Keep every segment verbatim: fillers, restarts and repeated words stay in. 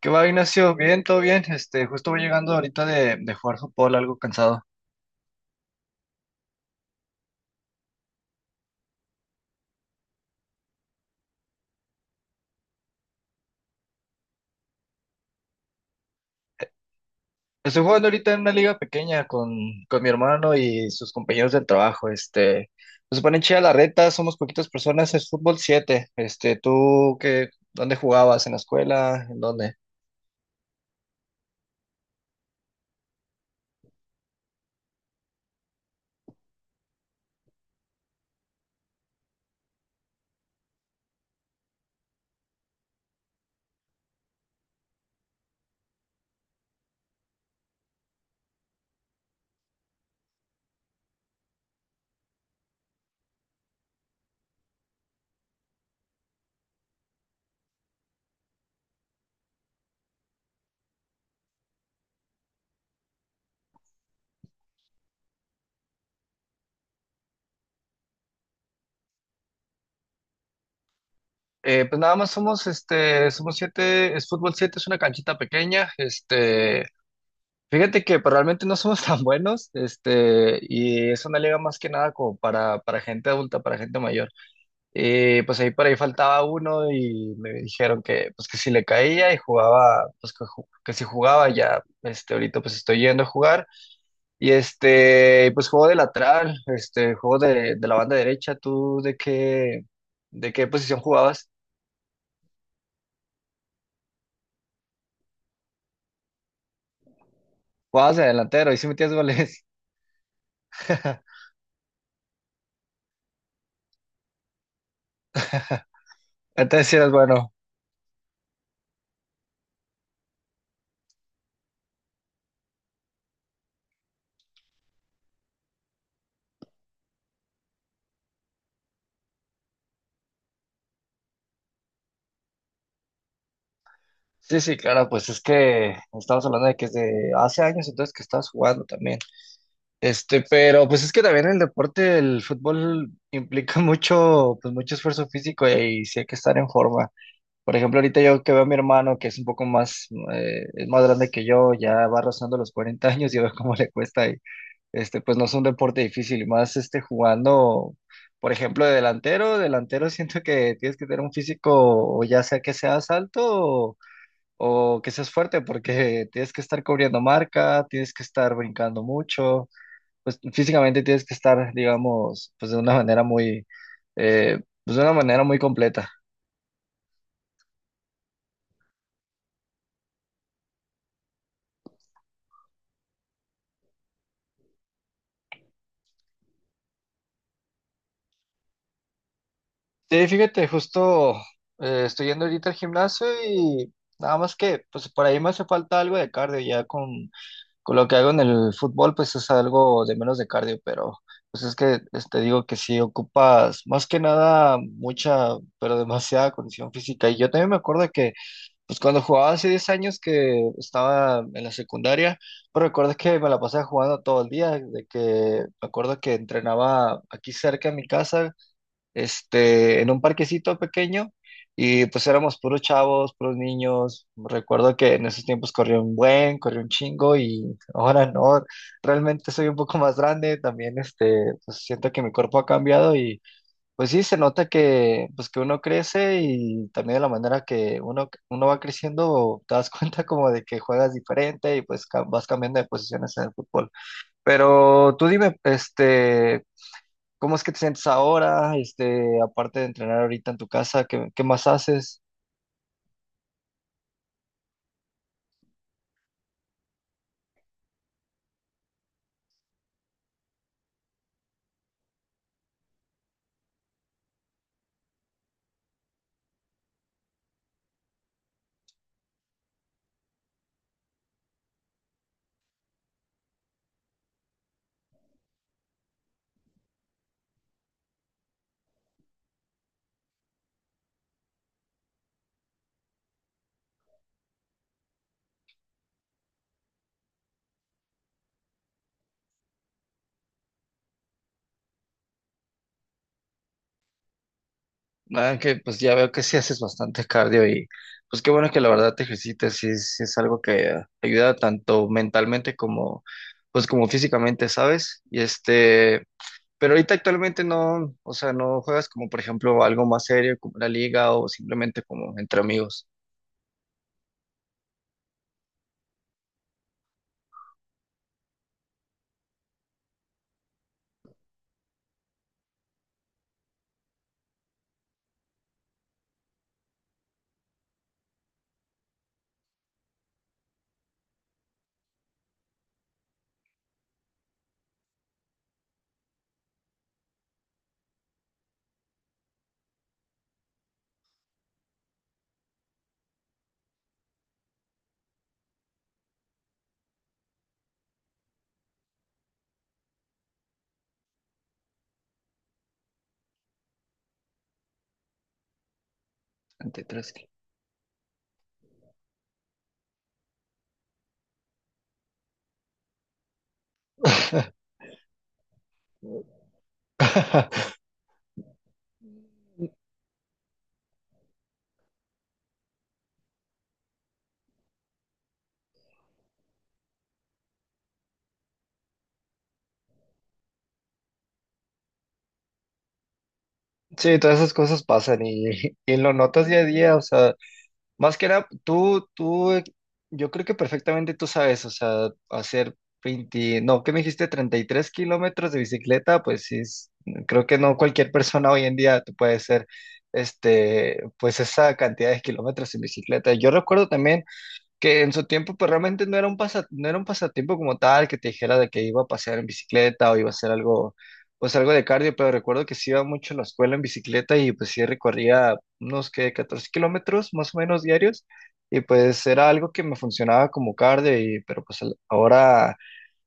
¿Qué va, Ignacio? Bien, todo bien. Este, justo voy llegando ahorita de, de jugar fútbol, algo cansado. Estoy jugando ahorita en una liga pequeña con, con mi hermano y sus compañeros del trabajo. Este, nos ponen chida la reta, somos poquitas personas, es fútbol siete. Este, ¿tú qué, dónde jugabas? ¿En la escuela? ¿En dónde? Eh, pues nada más somos, este, somos siete, es fútbol siete, es una canchita pequeña. Este, fíjate que pues, realmente no somos tan buenos. Este, y es una liga más que nada como para, para gente adulta, para gente mayor. Y pues ahí por ahí faltaba uno y me dijeron que pues que si le caía y jugaba, pues que, ju- que si jugaba ya, este, ahorita pues estoy yendo a jugar. Y este, pues juego de lateral, este, juego de, de la banda derecha. ¿Tú de qué, de qué posición jugabas? Jugabas de delantero y si metías goles. Entonces sí eras bueno. Sí, sí, claro, pues es que estamos hablando de que desde hace años entonces que estabas jugando también. Este, pero pues es que también el deporte, el fútbol implica mucho, pues mucho esfuerzo físico y, sí hay que estar en forma. Por ejemplo, ahorita yo que veo a mi hermano que es un poco más, eh, es más grande que yo, ya va rozando los cuarenta años y veo cómo le cuesta. Y, este, pues no es un deporte difícil, y más este jugando, por ejemplo, de delantero, delantero siento que tienes que tener un físico, o ya sea que seas alto o, o que seas fuerte, porque tienes que estar cubriendo marca, tienes que estar brincando mucho, pues físicamente tienes que estar, digamos, pues de una manera muy, eh, pues de una manera muy completa. Sí, fíjate, justo eh, estoy yendo ahorita al gimnasio y nada más que, pues por ahí me hace falta algo de cardio, ya con, con lo que hago en el fútbol, pues es algo de menos de cardio, pero pues es que es- te digo que sí ocupas más que nada mucha, pero demasiada condición física. Y yo también me acuerdo que pues cuando jugaba hace diez años que estaba en la secundaria, pero recuerdo que me la pasaba jugando todo el día, de que me acuerdo que entrenaba aquí cerca de mi casa, este, en un parquecito pequeño, y pues éramos puros chavos, puros niños. Recuerdo que en esos tiempos corría un buen, corría un chingo, y ahora no, realmente soy un poco más grande, también este, pues siento que mi cuerpo ha cambiado, pues sí, se nota que, pues que uno crece y también de la manera que uno, uno va creciendo, te das cuenta como de que juegas diferente y pues ca- vas cambiando de posiciones en el fútbol. Pero tú dime, este, ¿cómo es que te sientes ahora? Este, aparte de entrenar ahorita en tu casa, ¿qué, qué más haces? Ah, que pues ya veo que sí haces bastante cardio y pues qué bueno que la verdad te ejercites, sí, es sí es algo que eh, ayuda tanto mentalmente como, pues como físicamente, ¿sabes? Y este... Pero ahorita actualmente no, o sea, no juegas como, por ejemplo, algo más serio como la liga o simplemente como entre amigos, entre tres. Sí, todas esas cosas pasan y, y lo notas día a día, o sea, más que nada, tú, tú, eh, yo creo que perfectamente tú sabes, o sea, hacer veinte no, ¿qué me dijiste? Treinta y tres kilómetros de bicicleta, pues sí, es- creo que no cualquier persona hoy en día te puede hacer, este, pues esa cantidad de kilómetros en bicicleta. Yo recuerdo también que en su tiempo pues realmente no era un pasa, no era un pasatiempo como tal, que te dijera de que iba a pasear en bicicleta o iba a hacer algo, pues algo de cardio, pero recuerdo que sí iba mucho a la escuela en bicicleta y pues sí recorría unos que catorce kilómetros más o menos diarios y pues era algo que me funcionaba como cardio, y pero pues al- ahora,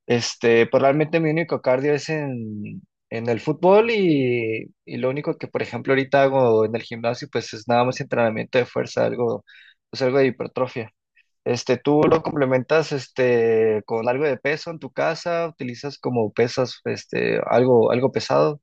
este pues realmente mi único cardio es en en el fútbol, y, y lo único que por ejemplo ahorita hago en el gimnasio pues es nada más entrenamiento de fuerza, algo, pues algo de hipertrofia. Este, ¿tú lo complementas, este, con algo de peso en tu casa, utilizas como pesas, este, algo, algo pesado?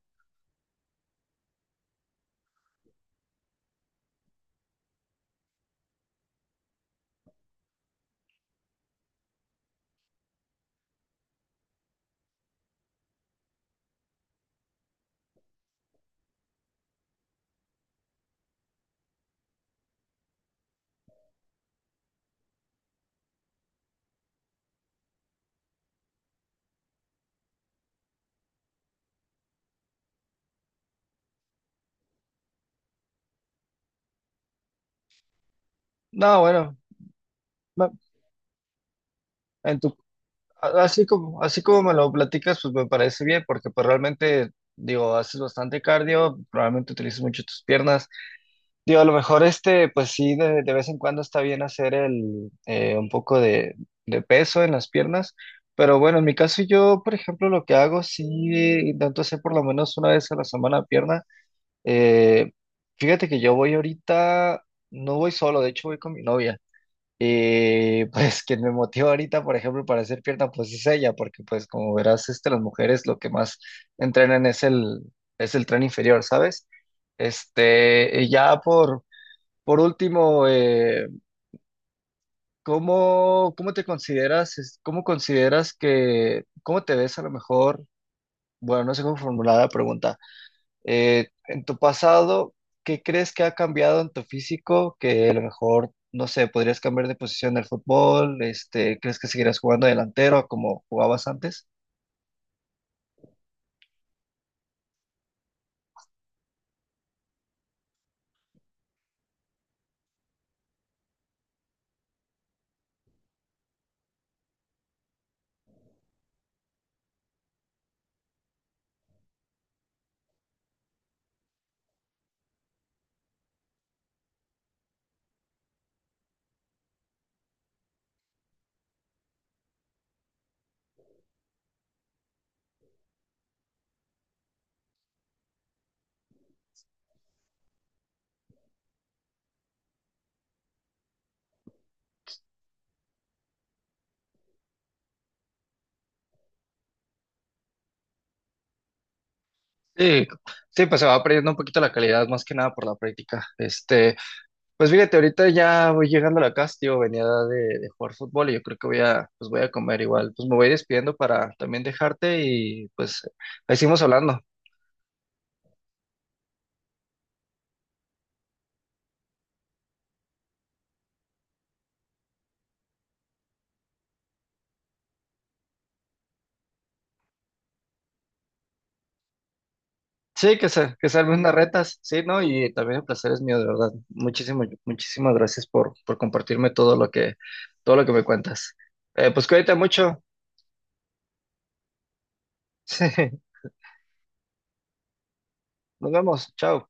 No, bueno, no, en tu, a- así como, así como me lo platicas, pues me parece bien, porque pues realmente, digo, haces bastante cardio, probablemente utilizas mucho tus piernas. Digo, a lo mejor este, pues sí, de, de vez en cuando está bien hacer el, eh, un poco de, de peso en las piernas. Pero bueno, en mi caso yo, por ejemplo, lo que hago, sí intento hacer por lo menos una vez a la semana pierna. Eh, Fíjate que yo voy ahorita, no voy solo, de hecho voy con mi novia. Y pues quien me motiva ahorita, por ejemplo, para hacer pierna, pues es ella, porque pues como verás, este, las mujeres lo que más entrenan es el, es el tren inferior, ¿sabes? Este, y ya por, por último, eh, ¿cómo, cómo te consideras, es- cómo consideras que, cómo te ves a lo mejor? Bueno, no sé cómo formular la pregunta. Eh, en tu pasado, ¿qué crees que ha cambiado en tu físico? Que a lo mejor, no sé, podrías cambiar de posición en el fútbol, este, ¿crees que seguirás jugando delantero como jugabas antes? Sí, sí, pues se va perdiendo un poquito la calidad, más que nada por la práctica. Este, pues fíjate, ahorita ya voy llegando a la casa, tío, venía de, de jugar fútbol y yo creo que voy a, pues voy a comer igual. Pues me voy despidiendo para también dejarte y pues ahí seguimos hablando. Sí, que se, que salven unas retas, sí, ¿no? Y también el placer es mío, de verdad. Muchísimo, muchísimas gracias por, por compartirme todo lo que, todo lo que me cuentas. Eh, pues cuídate mucho. Sí, nos vemos. Chao.